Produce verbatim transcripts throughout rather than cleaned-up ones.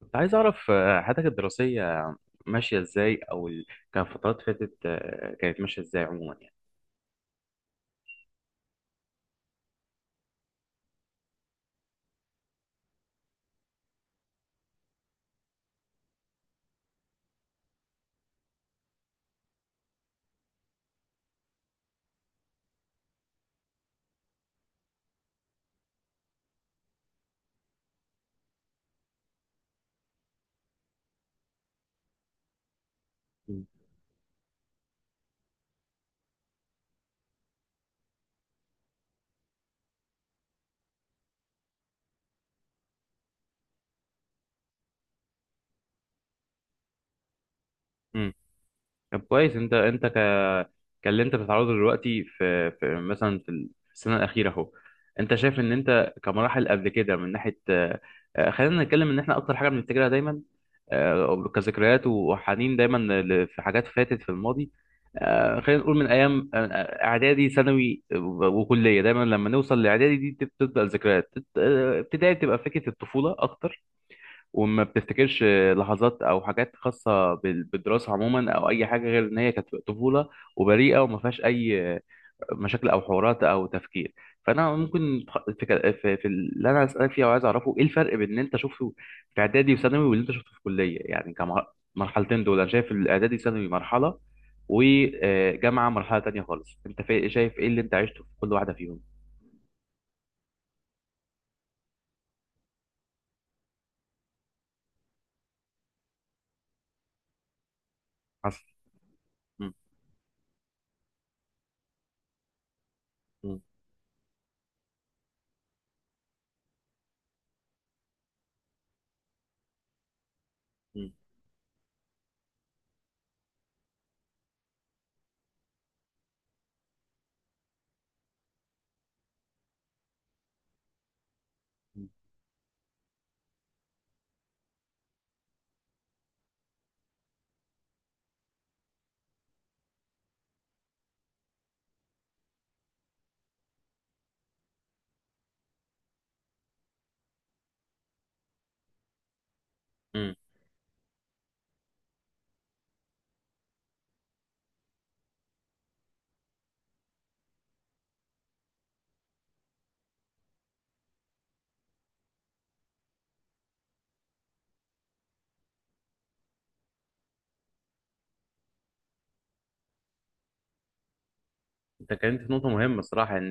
كنت عايز أعرف آه، حياتك الدراسية ماشية إزاي أو ال... كان فترات فاتت آه، كانت ماشية إزاي عموما يعني. مم. طب كويس انت انت ك كاللي انت بتتعرضه دلوقتي في, في مثلا في ال- في السنه الاخيره اهو. انت شايف ان انت كمراحل قبل كده من ناحيه آه، آه، خلينا نتكلم ان احنا اكتر حاجه بنفتكرها دايما، آه، كذكريات وحنين دايما ل- في حاجات فاتت في الماضي. آه، خلينا نقول من ايام آه، آه، اعدادي ثانوي و- وكليه، دايما لما نوصل لاعدادي دي بتبدا الذكريات تت- آه، ابتدائي بتبقى فكره الطفوله اكتر. وما بتفتكرش لحظات او حاجات خاصه بال- بالدراسه عموما، او اي حاجه غير ان هي كانت طفوله وبريئه وما فيهاش اي مشاكل او حوارات او تفكير. فانا ممكن تخ- في, ك- في, في اللي انا اسالك فيه وعايز اعرفه، ايه الفرق بين اللي انت شفته في اعدادي وثانوي واللي انت شفته في كليه يعني. كمرحلتين دول، انا شايف الاعدادي ثانوي مرحله وجامعه مرحله تانية خالص. انت في- شايف ايه اللي انت عشته في كل واحده فيهم؟ حصل. مم. مم. مم. مم. انت اتكلمت في نقطة مهمة الصراحة، ان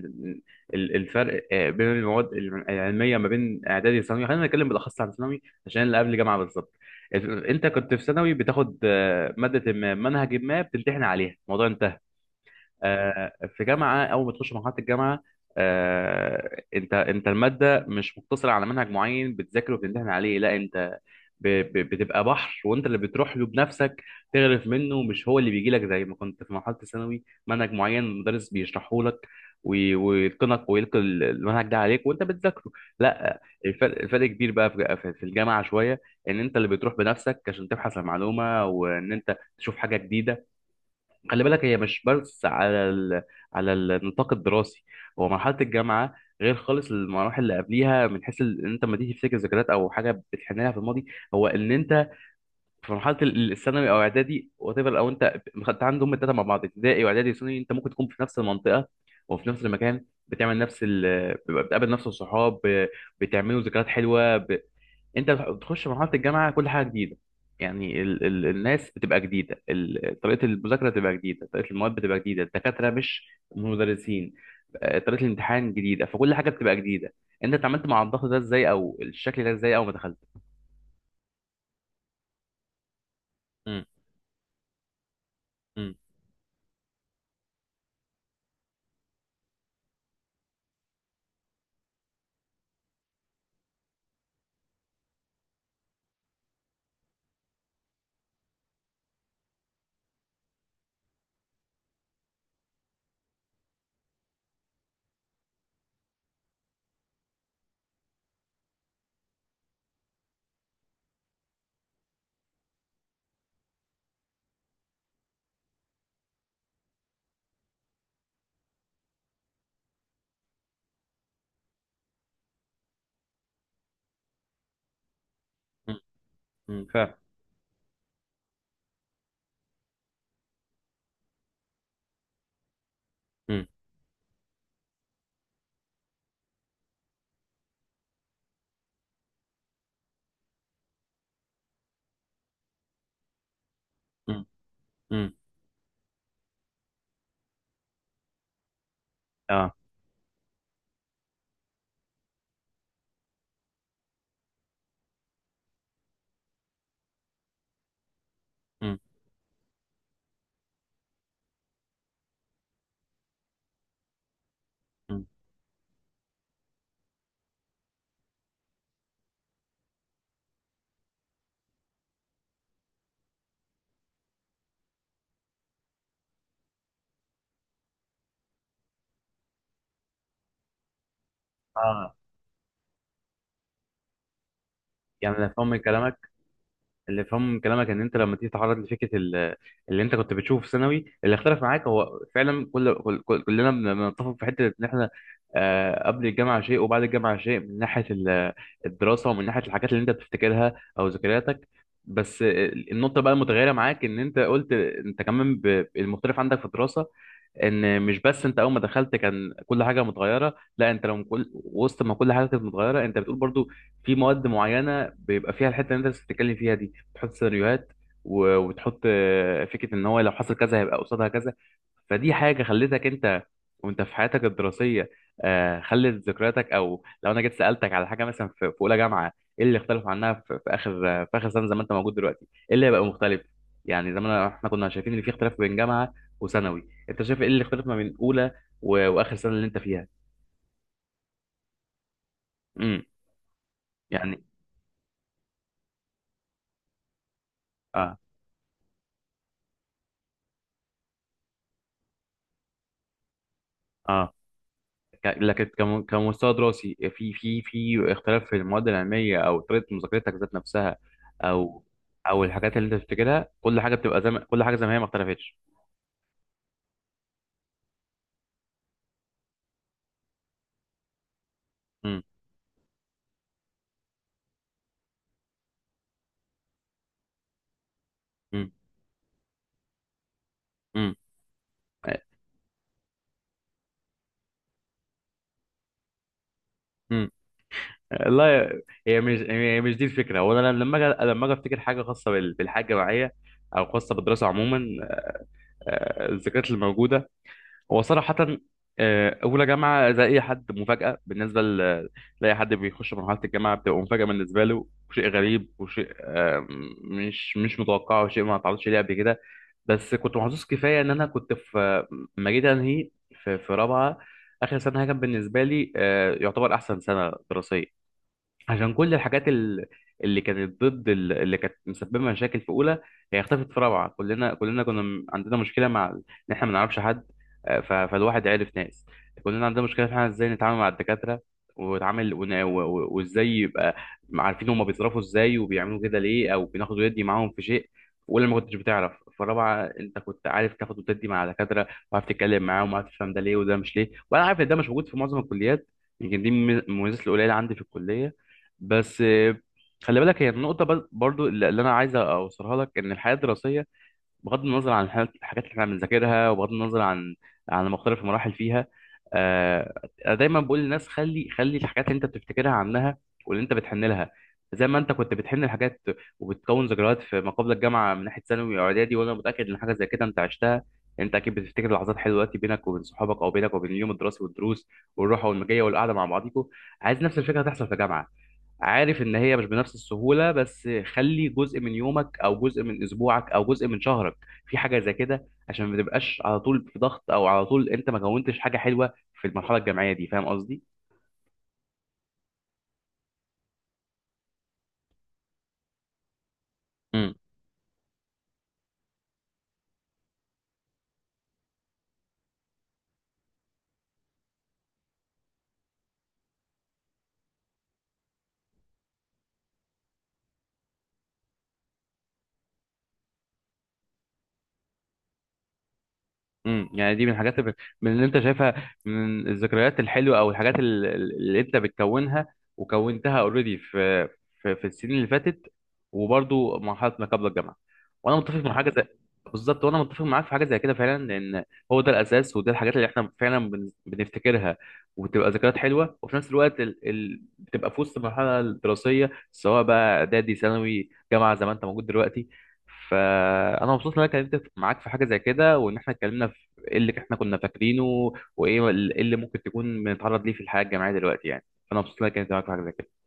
ال- الفرق آه، بين المواد العلمية ما بين اعدادي وثانوي. خلينا نتكلم بالاخص عن ثانوي عشان اللي قبل جامعة بالظبط. ال- انت كنت في ثانوي بتاخد آه، مادة ما منهج ما، بتمتحن عليها الموضوع انتهى. آه، في جامعه، اول ما تخش مرحله الجامعه، آه، انت انت الماده مش مقتصره على منهج معين بتذاكره وبتمتحن عليه. لا، انت ب- ب- بتبقى بحر وانت اللي بتروح له بنفسك تغرف منه، مش هو اللي بيجي لك زي ما كنت في مرحله الثانوي منهج معين المدرس بيشرحه لك وي- ويتقنك ويلقي ال- المنهج ده عليك وانت بتذاكره. لا. الفرق الفرق كبير بقى في في- في الجامعه شويه، ان انت اللي بتروح بنفسك عشان تبحث عن معلومه وان انت تشوف حاجه جديده. خلي بالك هي مش بس على ال... على النطاق الدراسي. هو مرحله الجامعه غير خالص المراحل اللي قبليها، من حيث ال- ان انت لما تيجي تفتكر ذكريات او حاجه بتحن لها في الماضي، هو ان انت في مرحله ال- الثانوي او اعدادي وات ايفر، او انت خدت عندهم هم الثلاثه مع بعض، ابتدائي واعدادي وثانوي، انت ممكن تكون في نفس المنطقه وفي نفس المكان، بتعمل نفس ال... بتقابل نفس الصحاب، ب- بتعملوا ذكريات حلوه. انت بتح- بتخش مرحله الجامعه كل حاجه جديده. يعني ال ال الناس بتبقى جديده، ال طريقه المذاكره بتبقى جديده، طريقه المواد بتبقى جديده، الدكاتره مش مدرسين، آه، طريقه الامتحان جديده، فكل حاجه بتبقى جديده. انت اتعاملت مع الضغط ده ازاي او الشكل ده ازاي اول ما دخلت؟ مم، مم، مم، مم، فعلا. مم، مم، مم، اه. مم، مم. اه. يعني انا فاهم من كلامك، اللي فهمه من كلامك ان انت لما تيجي تتعرض لفكره ال- اللي انت كنت بتشوفه في ثانوي، اللي اختلف معاك هو فعلا كل كل- كل- كلنا بن- بنتفق في حته ان احنا آه، قبل الجامعه شيء وبعد الجامعه شيء، من ناحيه ال- الدراسه ومن ناحيه الحاجات اللي انت بتفتكرها او ذكرياتك. بس آه، النقطه بقى المتغيره معاك ان انت قلت انت كمان ب- المختلف عندك في الدراسه، ان مش بس انت اول ما دخلت كان كل حاجه متغيره، لا، انت لو كل وسط ما كل حاجه كانت متغيره، انت بتقول برضو في مواد معينه بيبقى فيها الحته اللي انت لسه بتتكلم فيها دي، تحط سيناريوهات و- وتحط آه، فكره ان هو لو حصل كذا هيبقى قصادها كذا. فدي حاجه خلتك انت وانت في حياتك الدراسيه آه، خلت ذكرياتك، او لو انا جيت سالتك على حاجه مثلا في في اولى جامعه ايه اللي اختلف عنها في في اخر آه، في اخر سنه زي ما انت موجود دلوقتي، ايه اللي هيبقى مختلف؟ يعني زمان احنا كنا شايفين ان في اختلاف بين جامعه وثانوي، انت شايف ايه اللي اختلف ما بين اولى و- واخر سنه اللي انت فيها؟ امم. يعني. اه. اه. ك- لكن كم- كمستوى دراسي، في في في اختلاف في المواد العلميه او طريقه مذاكرتك ذات نفسها، او او الحاجات اللي انت بتفتكرها، كل حاجه بتبقى زي ما كل حاجه زي ما هي ما اختلفتش؟ امم. امم. امم. امم. لا، هي مش هي مش دي الفكره. وانا لما اجي، لما اجي افتكر حاجه خاصه بال- بالحاجه معايا، او خاصه بالدراسه عموما، آه، الذكريات اللي موجوده. هو صراحة، آه، أولى جامعة زي أي حد، مفاجأة بالنسبة ل- لأي حد بيخش مرحلة الجامعة، بتبقى مفاجأة بالنسبة له وشيء غريب وشيء آه، مش مش متوقع وشيء ما اتعرضش ليه قبل كده. بس كنت محظوظ كفاية إن أنا كنت في، لما جيت أنهي، في في رابعة، آخر سنة، كان بالنسبة لي آه، يعتبر أحسن سنة دراسية، عشان كل الحاجات ال- اللي كانت ضد ال- اللي كانت مسببه مشاكل في اولى، هي اختفت في رابعه. كلنا كلنا كنا م- عندنا مشكله مع ال- ان احنا ما نعرفش حد، آه، ف- فالواحد عرف ناس. كلنا عندنا مشكله في احنا ازاي نتعامل مع الدكاتره ونتعامل ون- و- و- وازاي يبقى عارفين هما بيتصرفوا ازاي وبيعملوا كده ليه، او بناخد وندي معاهم في شيء. في اولى ما كنتش بتعرف، في رابعه انت كنت عارف تاخد وتدي مع الدكاتره وعارف تتكلم معاهم وعارف تفهم ده ليه وده مش ليه. وانا عارف ان ده مش موجود في معظم الكليات، يمكن دي من المميزات القليله عندي في الكليه. بس آه، خلي بالك هي النقطة بل- برضو اللي اللي أنا عايز أوصلها لك، إن الحياة الدراسية بغض النظر عن الحاجات الحاجات اللي إحنا بنذاكرها وبغض النظر عن عن مختلف المراحل فيها، آه، أنا دايما بقول للناس، خلي خلي الحاجات اللي أنت بتفتكرها عنها واللي أنت بتحن لها، زي ما أنت كنت بتحن الحاجات وبتكون ذكريات في ما قبل الجامعة من ناحية ثانوي وإعدادي، وأنا متأكد إن حاجة زي كده أنت عشتها. أنت أكيد بتفتكر لحظات حلوة دلوقتي بينك وبين صحابك، أو بينك وبين اليوم الدراسي والدروس والروحة والمجية والقعدة مع بعضيكوا. عايز نفس الفكرة تحصل في جامعة. عارف ان هي مش بنفس السهوله، بس خلي جزء من يومك او جزء من اسبوعك او جزء من شهرك في حاجه زي كده، عشان ما تبقاش على طول في ضغط، او على طول انت ما كونتش حاجه حلوه في المرحله الجامعيه دي. فاهم قصدي؟ امم. يعني دي من الحاجات اللي، من اللي انت شايفها من الذكريات الحلوه، او الحاجات ال- اللي انت بتكونها وكونتها اوريدي في في في السنين اللي فاتت وبرضو مرحله ما قبل الجامعه. وانا متفق مع حاجه زي، بالظبط، وانا متفق معاك في حاجه زي كده فعلا، لان هو ده الاساس وده الحاجات اللي احنا فعلا بن- بنفتكرها وبتبقى ذكريات حلوه، وفي نفس الوقت ال... ال... بتبقى في وسط المرحله الدراسيه، سواء بقى اعدادي ثانوي جامعه زي ما انت موجود دلوقتي. فانا مبسوط ان انا اتكلمت معاك في حاجه زي كده، وان احنا اتكلمنا في ايه اللي احنا كنا فاكرينه، وايه ال- إيه اللي ممكن تكون بنتعرض ليه في الحياه الجامعيه دلوقتي يعني. فانا مبسوط ان انا اتكلمت معاك في حاجه زي كده.